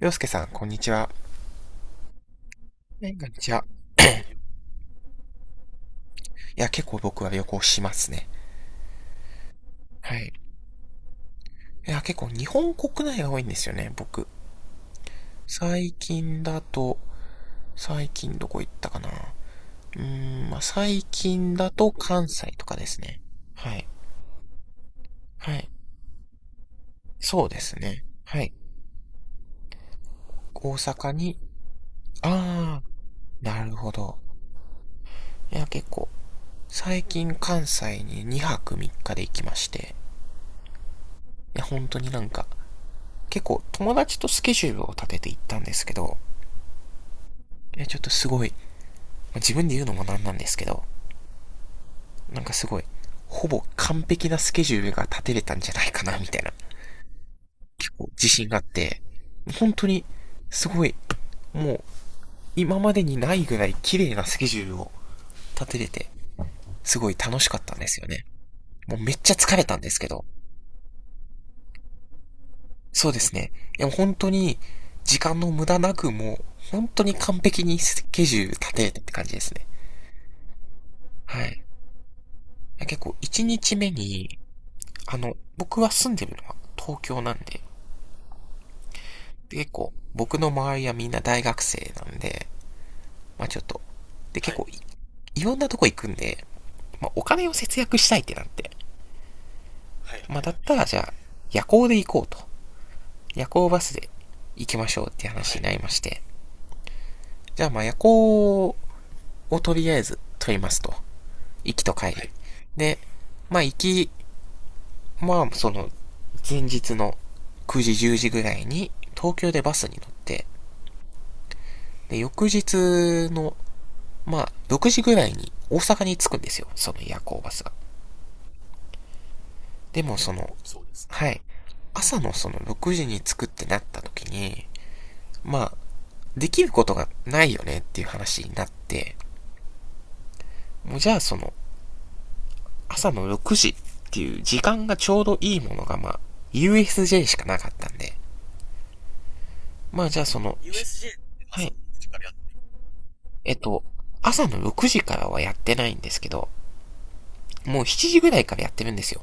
洋介さん、こんにちは。はい、こんにちは。いや、結構僕は旅行しますね。はい。いや、結構日本国内が多いんですよね、僕。最近だと、最近どこ行ったかなまあ、最近だと関西とかですね。はい。はい。そうですね。はい。大阪に、あー、なるほど。いや、結構、最近関西に2泊3日で行きまして、いや、本当になんか、結構友達とスケジュールを立てて行ったんですけど、え、ちょっとすごい、自分で言うのもなんなんですけど、なんかすごい、ほぼ完璧なスケジュールが立てれたんじゃないかな、みたいな、結構自信があって、本当に、すごい、もう、今までにないぐらい綺麗なスケジュールを立てれて、すごい楽しかったんですよね。もうめっちゃ疲れたんですけど、そうですね。いや、本当に、時間の無駄なく、もう、本当に完璧にスケジュール立てれたって感じですね。はい。結構、1日目に、僕は住んでるのは東京なんで、で結構、僕の周りはみんな大学生なんで、まあちょっと、で結構はい、いろんなとこ行くんで、まあお金を節約したいってなって、まあだったらじゃあ、夜行で行こうと。夜行バスで行きましょうって話になりまして、はい。じゃあまあ夜行をとりあえず取りますと。行きと帰り。はい。で、まあ行き、まあその、前日の9時10時ぐらいに東京でバスに乗って、で、翌日のまあ、6時ぐらいに大阪に着くんですよ、その夜行バスが。でもその、はい、朝のその6時に着くってなった時に、まあ、できることがないよねっていう話になって、もうじゃあその、朝の6時っていう時間がちょうどいいものがまあ、USJ しかなかったんで、まあじゃあその、えっと、朝の6時からはやってないんですけど、もう7時ぐらいからやってるんですよ。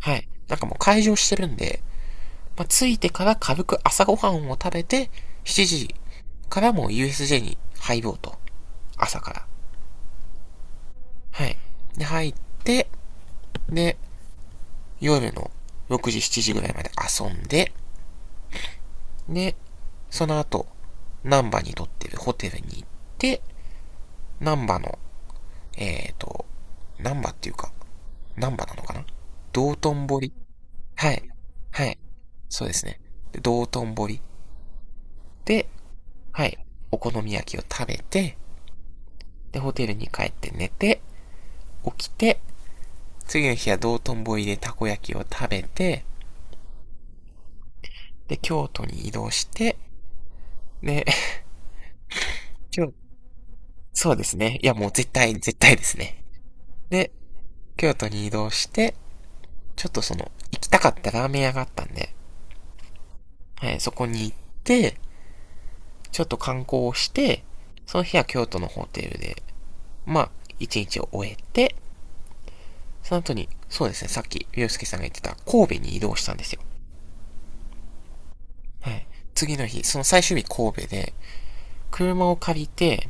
はい。なんかもう開場してるんで、まあ、着いてから軽く朝ごはんを食べて、7時からもう USJ に入ろうと。朝から。はい。で、入って、で、夜の6時、7時ぐらいまで遊んで、で、その後、ン波にとってるホテルに行って、ン波の、えーと、南波っていうか、ン波なのかな、道頓堀。はい。はい。そうですね。で道頓堀で、はい。お好み焼きを食べて、で、ホテルに帰って寝て、起きて、次の日は道頓堀でたこ焼きを食べて、で、京都に移動して、で、そうですね。いや、もう絶対、絶対ですね。で、京都に移動して、ちょっとその、行きたかったラーメン屋があったんで、はい、そこに行って、ちょっと観光をして、その日は京都のホテルで、まあ、一日を終えて、その後に、そうですね、さっき、ゆうすけさんが言ってた、神戸に移動したんですよ。はい。次の日、その最終日神戸で、車を借りて、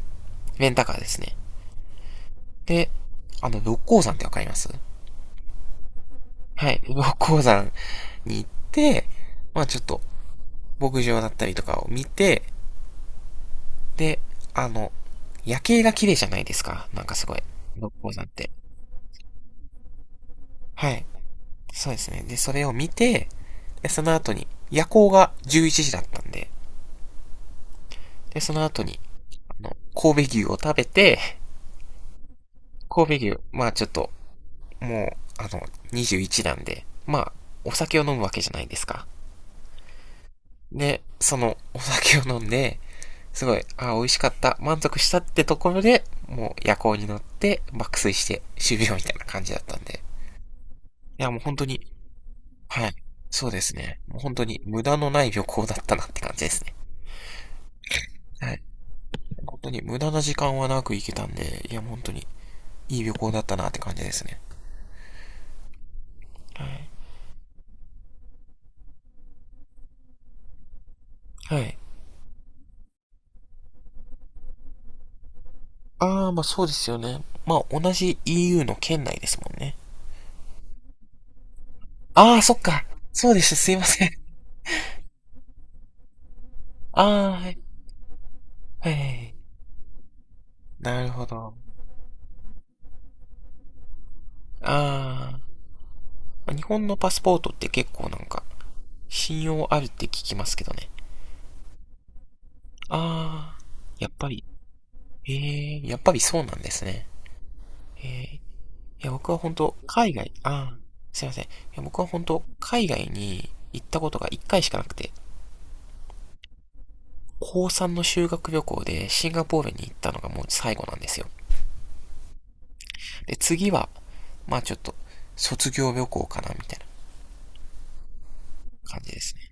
レンタカーですね。で、六甲山ってわかります？はい。六甲山に行って、まあちょっと、牧場だったりとかを見て、で、あの、夜景が綺麗じゃないですか。なんかすごい。六甲山って。はい。そうですね。で、それを見て、で、その後に、夜行が11時だったんで、で、その後に、神戸牛を食べて、神戸牛、まあちょっと、もう、あの、21なんで、まあお酒を飲むわけじゃないですか。で、そのお酒を飲んで、すごい、あ美味しかった、満足したってところで、もう夜行に乗って爆睡して終了みたいな感じだったんで。いや、もう本当に、はい。そうですね。もう本当に無駄のない旅行だったなって感じですね。はい。本当に無駄な時間はなく行けたんで、いや、もう本当にいい旅行だったなって感じですね。はい。はい。ああ、まあそうですよね。まあ同じ EU の県内ですもんね。ああ、そっか。そうでした。すいません。ああ、はい。はい。なるほど。あー、日本のパスポートって結構なんか、信用あるって聞きますけどね。あー、やっぱり、やっぱりそうなんですね。いや、僕は本当海外、あー、すいません。いや、僕は本当海外に行ったことが1回しかなくて、高3の修学旅行でシンガポールに行ったのがもう最後なんですよ。で、次は、まあちょっと、卒業旅行かな、みたいな感じですね。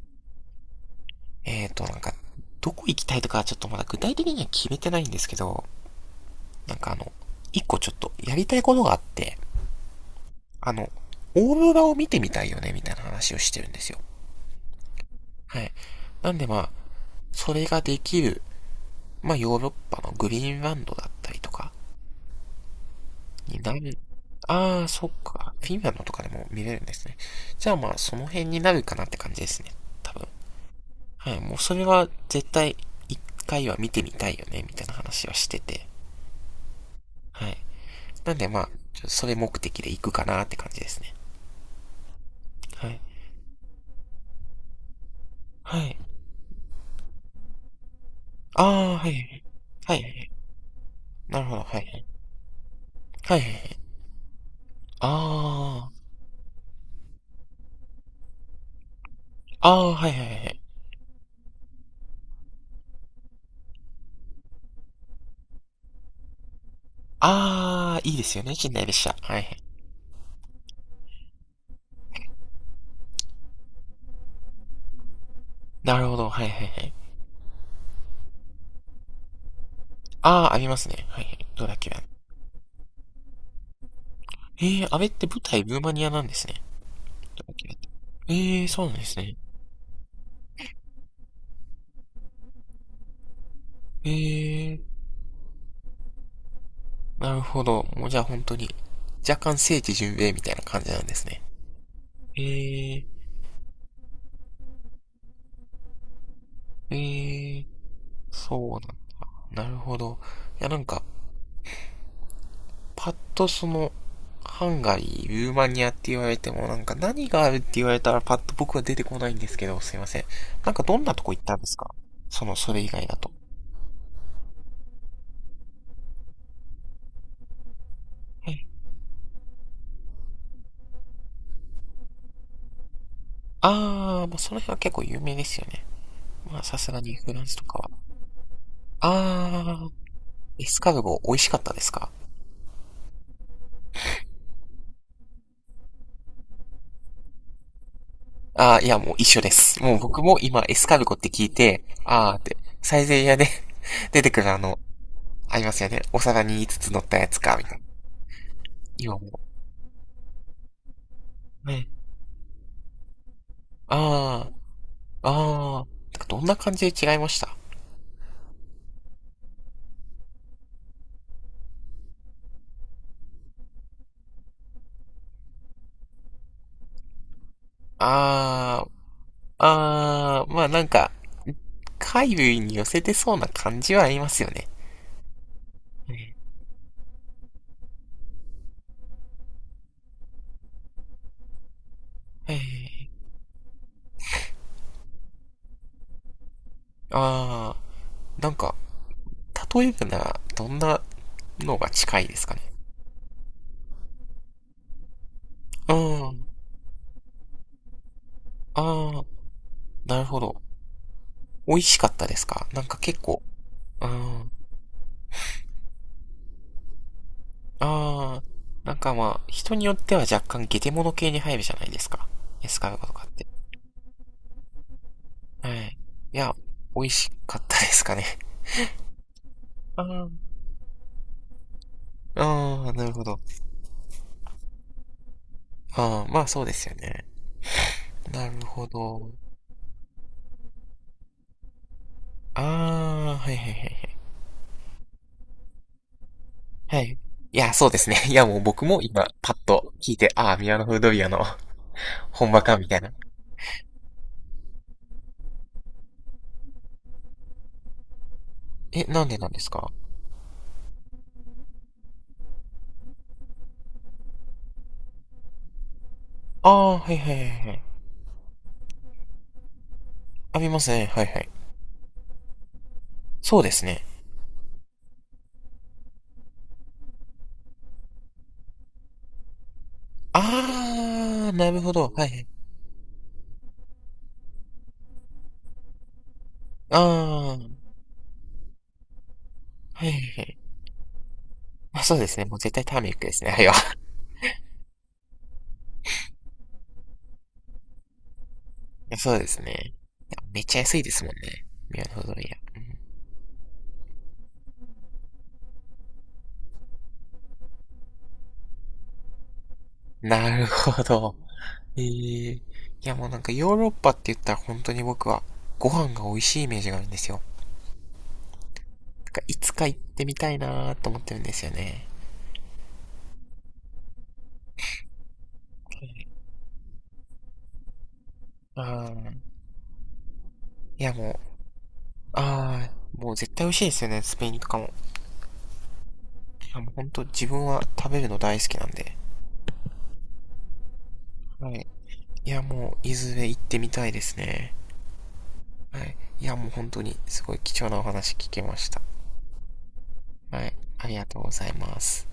なんか、どこ行きたいとかはちょっとまだ具体的には決めてないんですけど、なんかあの、一個ちょっとやりたいことがあって、あの、オーロラを見てみたいよね、みたいな話をしてるんですよ。はい。なんでまあ、それができる、まあヨーロッパのグリーンランドだったりとかになる。ああ、そっか。フィンランドとかでも見れるんですね。じゃあまあ、その辺になるかなって感じですね。多分。はい。もうそれは絶対一回は見てみたいよね、みたいな話はしてて。はい。なんでまあ、それ目的で行くかなって感じですね。はい。はい。ああー、はいはいはい。はいはいはい。なるほど、はいはい。はいはいはい。ああ、ああ、はいはいはいはい。ああ、いいですよね、近代列車。はいはい。なるほど、はいはいはい。ああ、ありますね。はいはい。どうだっけな。ええ、あれって舞台ルーマニアなんですね。どうだっけな。ええ、そうなんですね。ええ、なるほど。もうじゃあ本当に、若干聖地巡礼みたいな感じなんですね。ええええ、そうなんだ。なるほど。いや、なんか、パッとその、ハンガリー、ルーマニアって言われても、なんか何があるって言われたらパッと僕は出てこないんですけど、すいません。なんかどんなとこ行ったんですか？その、それ以外だと。はい。あー、まあ、その辺は結構有名ですよね。まあ、さすがにフランスとかは。あー、エスカルゴ美味しかったですか？あー、いや、もう一緒です。もう僕も今エスカルゴって聞いて、あーって、サイゼリヤで 出てくるあの、ありますよね。お皿に5つつ乗ったやつか、みたいな。今もう。ね。あー、あー、なんかどんな感じで違いました？あー、あー、まあなんか、海類に寄せてそうな感じはありますよね。えー、あー、なんか、例えるなら、どんなのが近いですかね。うーん、あー、なるほど。美味しかったですか？なんか結構、うーん、あー、なんかまあ、人によっては若干ゲテモノ系に入るじゃないですか。エスカルゴとかって。はい。いや、美味しかったですかね。あーああ、なるほど。ああ、まあそうですよね。なるほど。ああ、はいはいはいはい。はい。いや、そうですね。いや、もう僕も今、パッと聞いて、ああ、ミラノ風ドリアの 本場か、みたいな。え、なんでなんですか？ああ、はいはいはいはい。あ、見ますね。はいはい。そうですね。ああ、なるほど。はいはい。ああ、はいはいはい。まあそうですね。もう絶対ターメリックですね。はいは。いやそうですね。いやめっちゃ安いですもんね。ミラノ風ドリア。うん、なるほど。ええー、いやもうなんかヨーロッパって言ったら本当に僕はご飯が美味しいイメージがあるんですよ。なんかいつか行ってみたいなーと思ってるんですよね。あー、いやもう、あー、もう絶対美味しいですよね、スペインとかも。いやもう本当自分は食べるの大好きなんで。はい。いやもう、いずれ行ってみたいですね。はい。いやもう本当にすごい貴重なお話聞けました。はい。ありがとうございます。